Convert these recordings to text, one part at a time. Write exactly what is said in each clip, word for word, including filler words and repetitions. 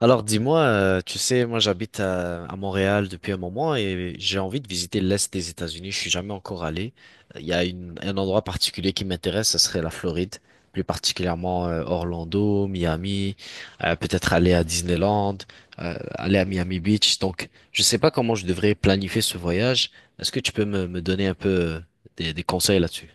Alors dis-moi, euh, tu sais, moi j'habite à, à Montréal depuis un moment et j'ai envie de visiter l'Est des États-Unis. Je suis jamais encore allé. Il y a une- un endroit particulier qui m'intéresse, ce serait la Floride, plus particulièrement euh, Orlando, Miami, euh, peut-être aller à Disneyland, euh, aller à Miami Beach. Donc je sais pas comment je devrais planifier ce voyage. Est-ce que tu peux me, me donner un peu euh, des, des conseils là-dessus?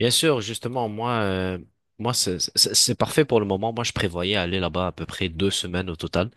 Bien sûr, justement, moi, euh, moi c'est c'est- c'est parfait pour le moment. Moi, je prévoyais aller là-bas à peu près deux semaines au total.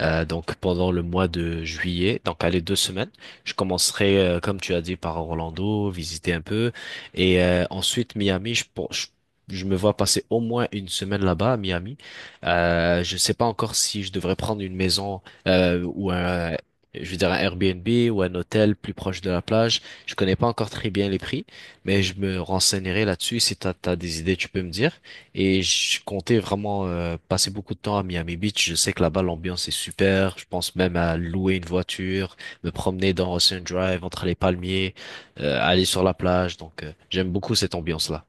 Euh, donc pendant le mois de juillet, donc allez deux semaines, je commencerai euh, comme tu as dit par Orlando, visiter un peu, et euh, ensuite Miami. Je, pour- je je me vois passer au moins une semaine là-bas à Miami. Euh, je sais pas encore si je devrais prendre une maison euh, ou un. Je veux dire un Airbnb ou un hôtel plus proche de la plage. Je connais pas encore très bien les prix, mais je me renseignerai là-dessus. Si t'as, t'as des idées, tu peux me dire. Et je comptais vraiment euh, passer beaucoup de temps à Miami Beach. Je sais que là-bas, l'ambiance est super. Je pense même à louer une voiture, me promener dans Ocean Drive, entre les palmiers, euh, aller sur la plage. Donc, euh, j'aime beaucoup cette ambiance-là.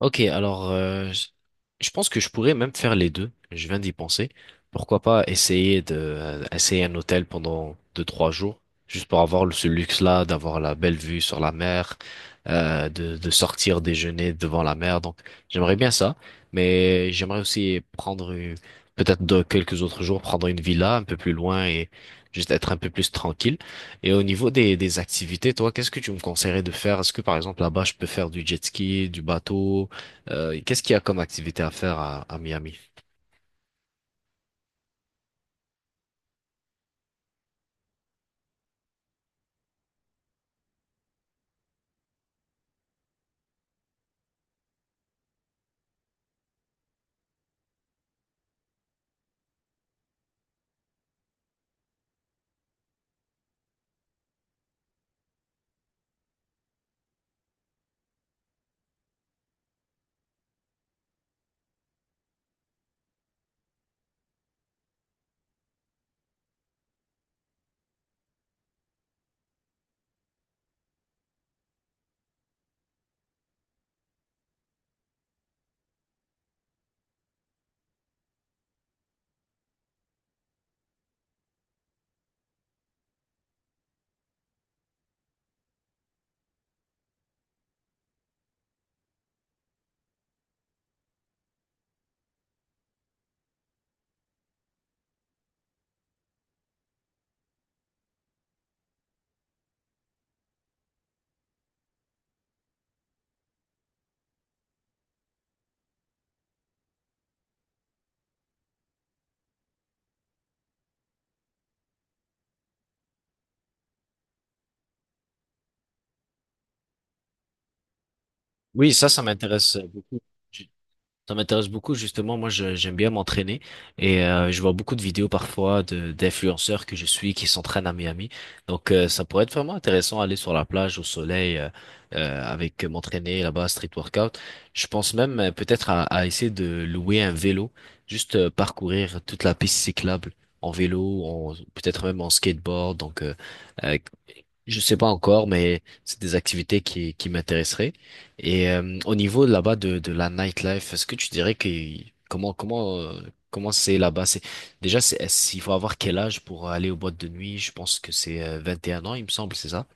Ok, alors euh, je je pense que je pourrais même faire les deux. Je viens d'y penser. Pourquoi pas essayer de euh, essayer un hôtel pendant deux, trois jours, juste pour avoir le- ce luxe-là, d'avoir la belle vue sur la mer, euh, de, de sortir déjeuner devant la mer. Donc j'aimerais bien ça, mais j'aimerais aussi prendre une- peut-être de quelques autres jours, prendre une villa un peu plus loin et juste être un peu plus tranquille. Et au niveau des, des activités, toi, qu'est-ce que tu me conseillerais de faire? Est-ce que par exemple là-bas je peux faire du jet ski, du bateau? Euh, qu'est-ce qu'il y a comme activité à faire à, à Miami? Oui, ça, ça m'intéresse beaucoup. Ju- Ça m'intéresse beaucoup, justement. Moi, je- j'aime bien m'entraîner et euh, je vois beaucoup de vidéos parfois de d'influenceurs que je suis qui s'entraînent à Miami. Donc, euh, ça pourrait être vraiment intéressant aller sur la plage au soleil euh, euh, avec euh, m'entraîner là-bas, street workout. Je pense même euh, peut-être à, à essayer de louer un vélo, juste euh, parcourir toute la piste cyclable en vélo, en- peut-être même en skateboard. Donc, euh, euh, je sais pas encore, mais c'est des activités qui, qui m'intéresseraient. Et euh, au niveau là-bas de, de la nightlife, est-ce que tu dirais que comment comment euh, comment c'est là-bas? C'est déjà c'est est-ce- il faut avoir quel âge pour aller aux boîtes de nuit? Je pense que c'est euh, vingt et un ans, il me semble, c'est ça?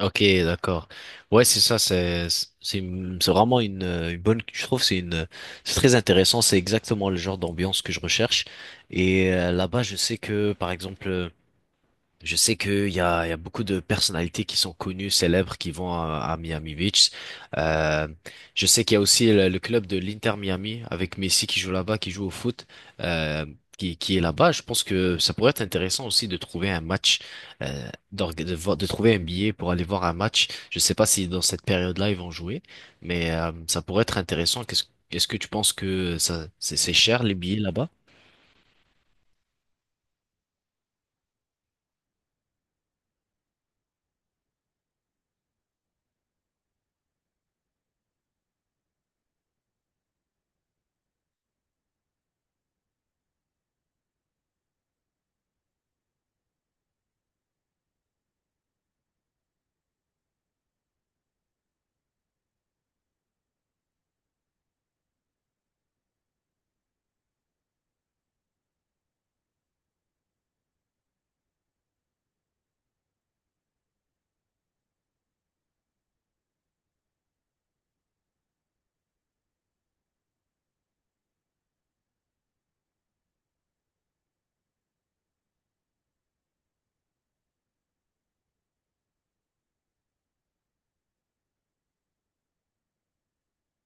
Ok, d'accord. Ouais, c'est ça. C'est c'est une- c'est vraiment une, euh, une bonne. Je trouve c'est une c'est très intéressant. C'est exactement le genre d'ambiance que je recherche. Et euh, là-bas, je sais que par exemple. euh, Je sais qu'il y a, il y a beaucoup de personnalités qui sont connues, célèbres, qui vont à, à Miami Beach. Euh, je sais qu'il y a aussi le, le club de l'Inter Miami avec Messi qui joue là-bas, qui joue au foot, euh, qui, qui est là-bas. Je pense que ça pourrait être intéressant aussi de trouver un match, euh, d'orga- de, voir- de trouver un billet pour aller voir un match. Je sais pas si dans cette période-là ils vont jouer, mais euh, ça pourrait être intéressant. Qu'est-ce, est-ce que tu penses que ça, c'est c'est cher les billets là-bas?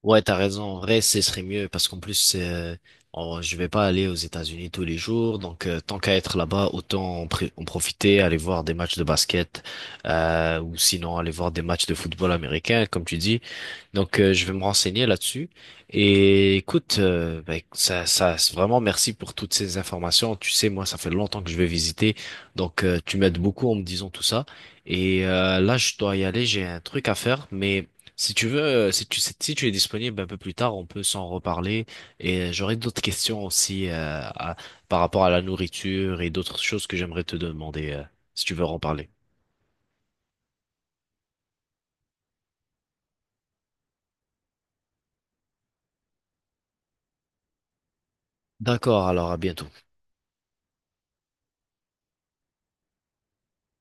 Ouais, t'as raison. En vrai, ce serait mieux parce qu'en plus, euh, on- je vais pas aller aux États-Unis tous les jours. Donc, euh, tant qu'à être là-bas, autant en, pré- en profiter, aller voir des matchs de basket, euh, ou sinon aller voir des matchs de football américain, comme tu dis. Donc, euh, je vais me renseigner là-dessus. Et écoute, euh, ben, ça, ça, c'est vraiment merci pour toutes ces informations. Tu sais, moi, ça fait longtemps que je vais visiter, donc euh, tu m'aides beaucoup en me disant tout ça. Et euh, là, je dois y aller, j'ai un truc à faire. Mais si tu veux, euh, si tu, si tu es disponible un peu plus tard, on peut s'en reparler. Et j'aurai d'autres questions aussi euh, à- par rapport à la nourriture et d'autres choses que j'aimerais te demander euh, si tu veux en parler. D'accord, alors à bientôt.